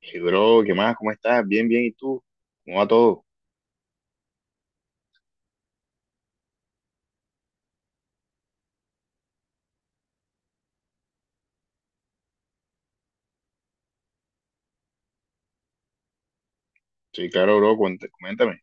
Hey, bro, ¿qué más? ¿Cómo estás? Bien, bien. ¿Y tú? ¿Cómo va todo? Sí, claro, bro. Coméntame.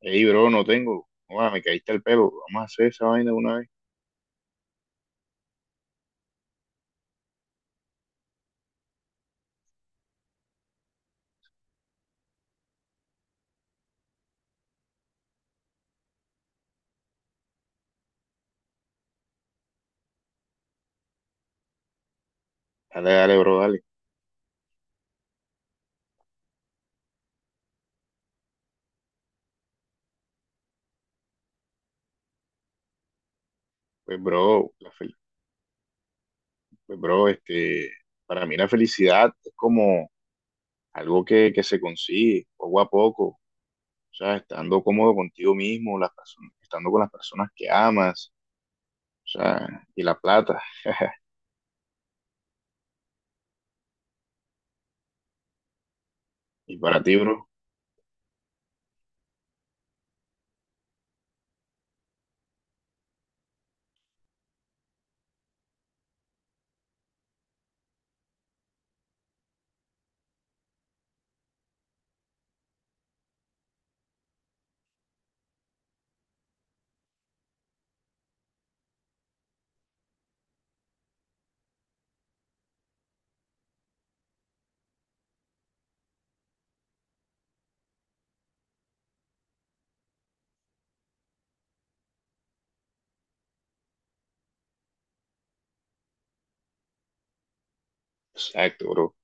Hey, bro, no tengo. Joda, me caíste el pelo. Vamos a hacer esa vaina de una vez. Dale, dale, bro, dale. Pues, bro, pues, bro, para mí la felicidad es como algo que se consigue poco a poco. O sea, estando cómodo contigo mismo, las personas, estando con las personas que amas, o sea, y la plata. Y para ti, bro. Exacto, bro.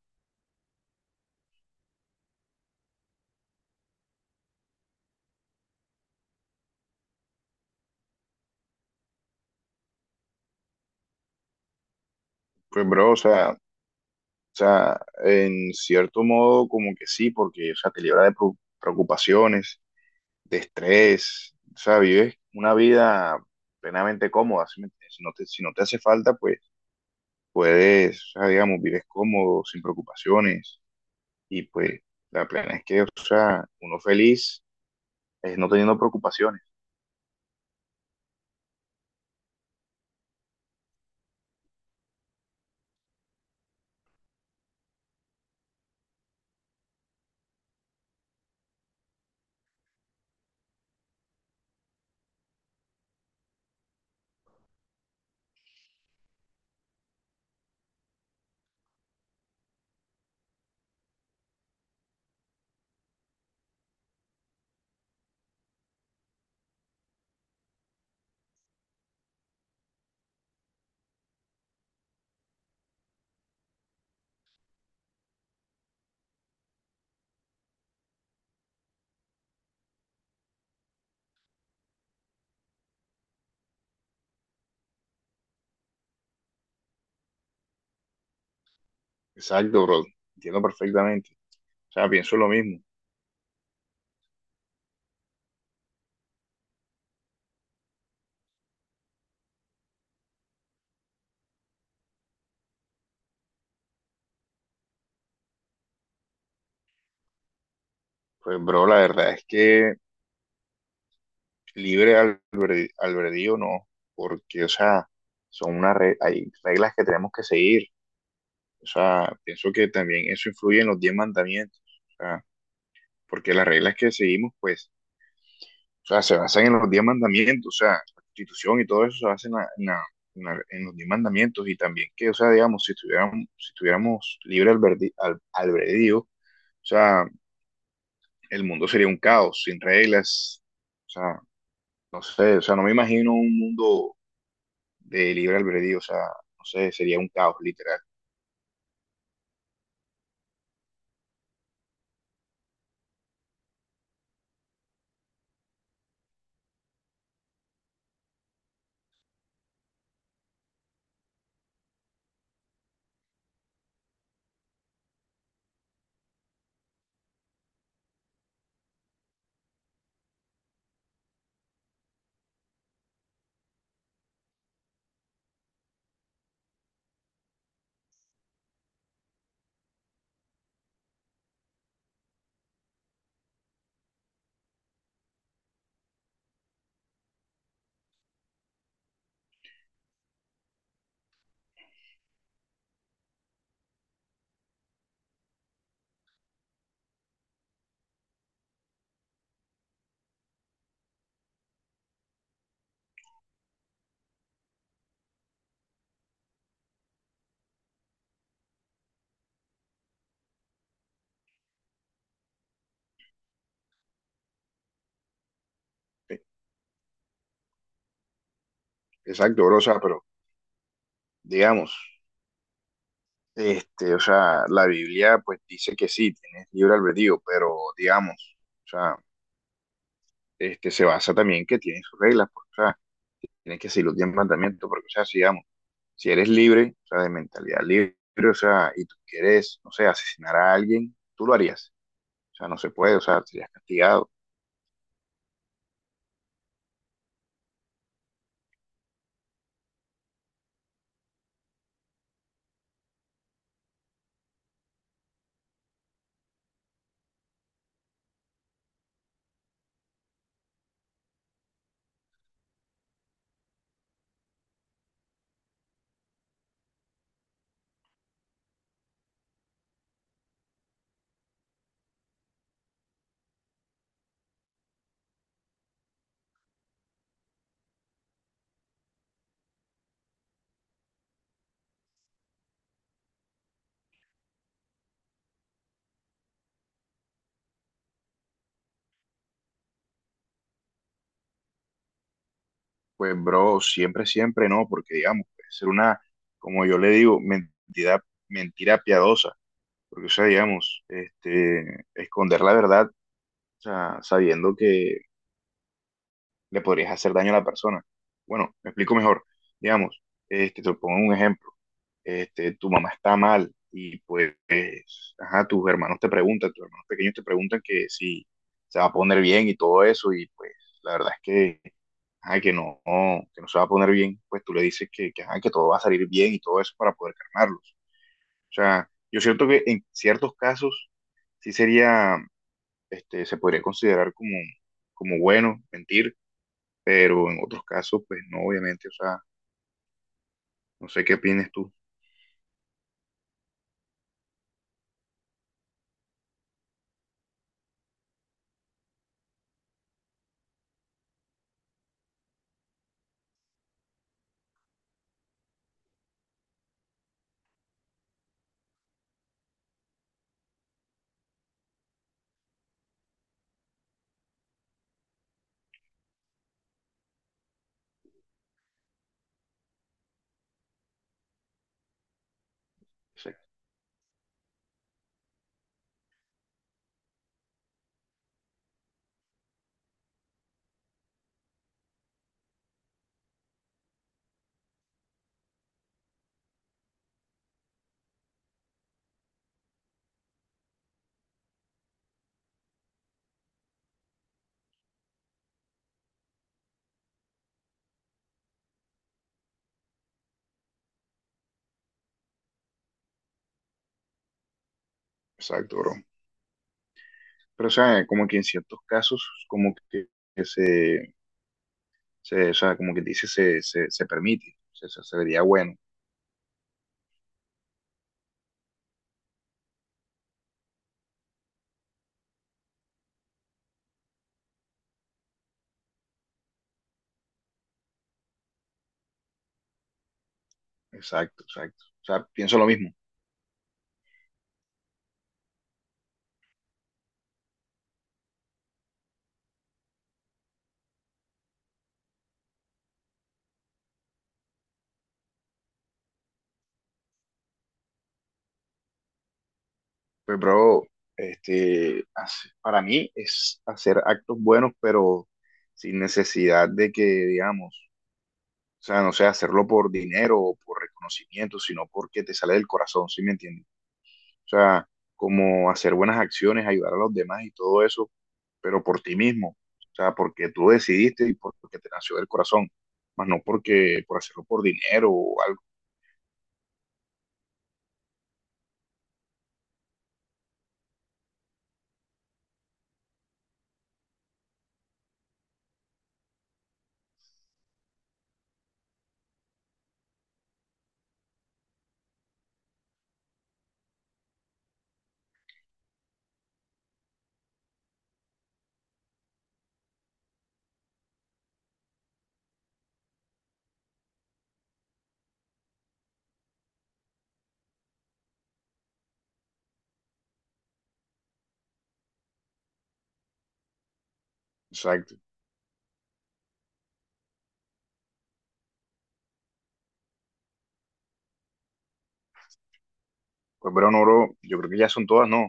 Pues, bro, o sea. O sea, en cierto modo, como que sí, porque, o sea, te libra de preocupaciones, de estrés, o sea, vives una vida plenamente cómoda, ¿sí me entiendes? Si no te hace falta, pues puedes, o sea, digamos, vives cómodo, sin preocupaciones, y pues la plena es que, o sea, uno feliz es no teniendo preocupaciones. Exacto, bro, entiendo perfectamente, o sea, pienso lo mismo. Pues, bro, la verdad es que libre al, bre- al albedrío no, porque, o sea, hay reglas que tenemos que seguir. O sea, pienso que también eso influye en los diez mandamientos. O sea, porque las reglas que seguimos, pues, o sea, se basan en los diez mandamientos. O sea, la constitución y todo eso se basa en los diez mandamientos. Y también que, o sea, digamos, si tuviéramos libre albedrío, o sea, el mundo sería un caos, sin reglas. O sea, no sé, o sea, no me imagino un mundo de libre albedrío, o sea, no sé, sería un caos literal. Exacto, bro, o sea, pero digamos, o sea, la Biblia pues dice que sí, tienes libre albedrío, pero digamos, o sea, se basa también que tiene sus reglas, pues, o sea, tienes que seguir los diez mandamientos, porque, o sea, si, digamos, si eres libre, o sea, de mentalidad libre, o sea, y tú quieres, no sé, asesinar a alguien, tú lo harías, o sea, no se puede, o sea, serías castigado. Pues, bro, siempre, siempre no, porque digamos, puede ser una, como yo le digo, mentira, piadosa, porque, o sea, digamos, esconder la verdad, o sea, sabiendo que le podrías hacer daño a la persona. Bueno, me explico mejor. Digamos, te pongo un ejemplo. Tu mamá está mal y pues, ajá, tus hermanos te preguntan, tus hermanos pequeños te preguntan que si se va a poner bien y todo eso, y pues, la verdad es que ajá, que no se va a poner bien, pues tú le dices ajá, que todo va a salir bien y todo eso para poder calmarlos. O sea, yo siento que en ciertos casos sí sería, se podría considerar como bueno mentir, pero en otros casos, pues no, obviamente, o sea, no sé qué opinas tú. Sí, exacto, bro. Pero, o sea, como que en ciertos casos, como que o sea, como que dice, se permite, se vería bueno. Exacto, exacto. O sea, pienso lo mismo. Pues, bro, para mí es hacer actos buenos, pero sin necesidad de que, digamos, o sea, no sé, hacerlo por dinero o por reconocimiento, sino porque te sale del corazón, ¿sí me entiendes? O sea, como hacer buenas acciones, ayudar a los demás y todo eso, pero por ti mismo, o sea, porque tú decidiste y porque te nació del corazón, más no porque por hacerlo por dinero o algo. Exacto. Pues, bro, no, bro, yo creo que ya son todas, ¿no?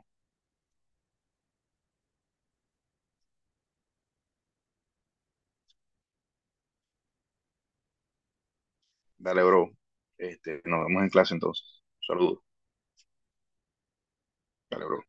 Dale, bro. Nos vemos en clase entonces. Saludos. Dale, bro.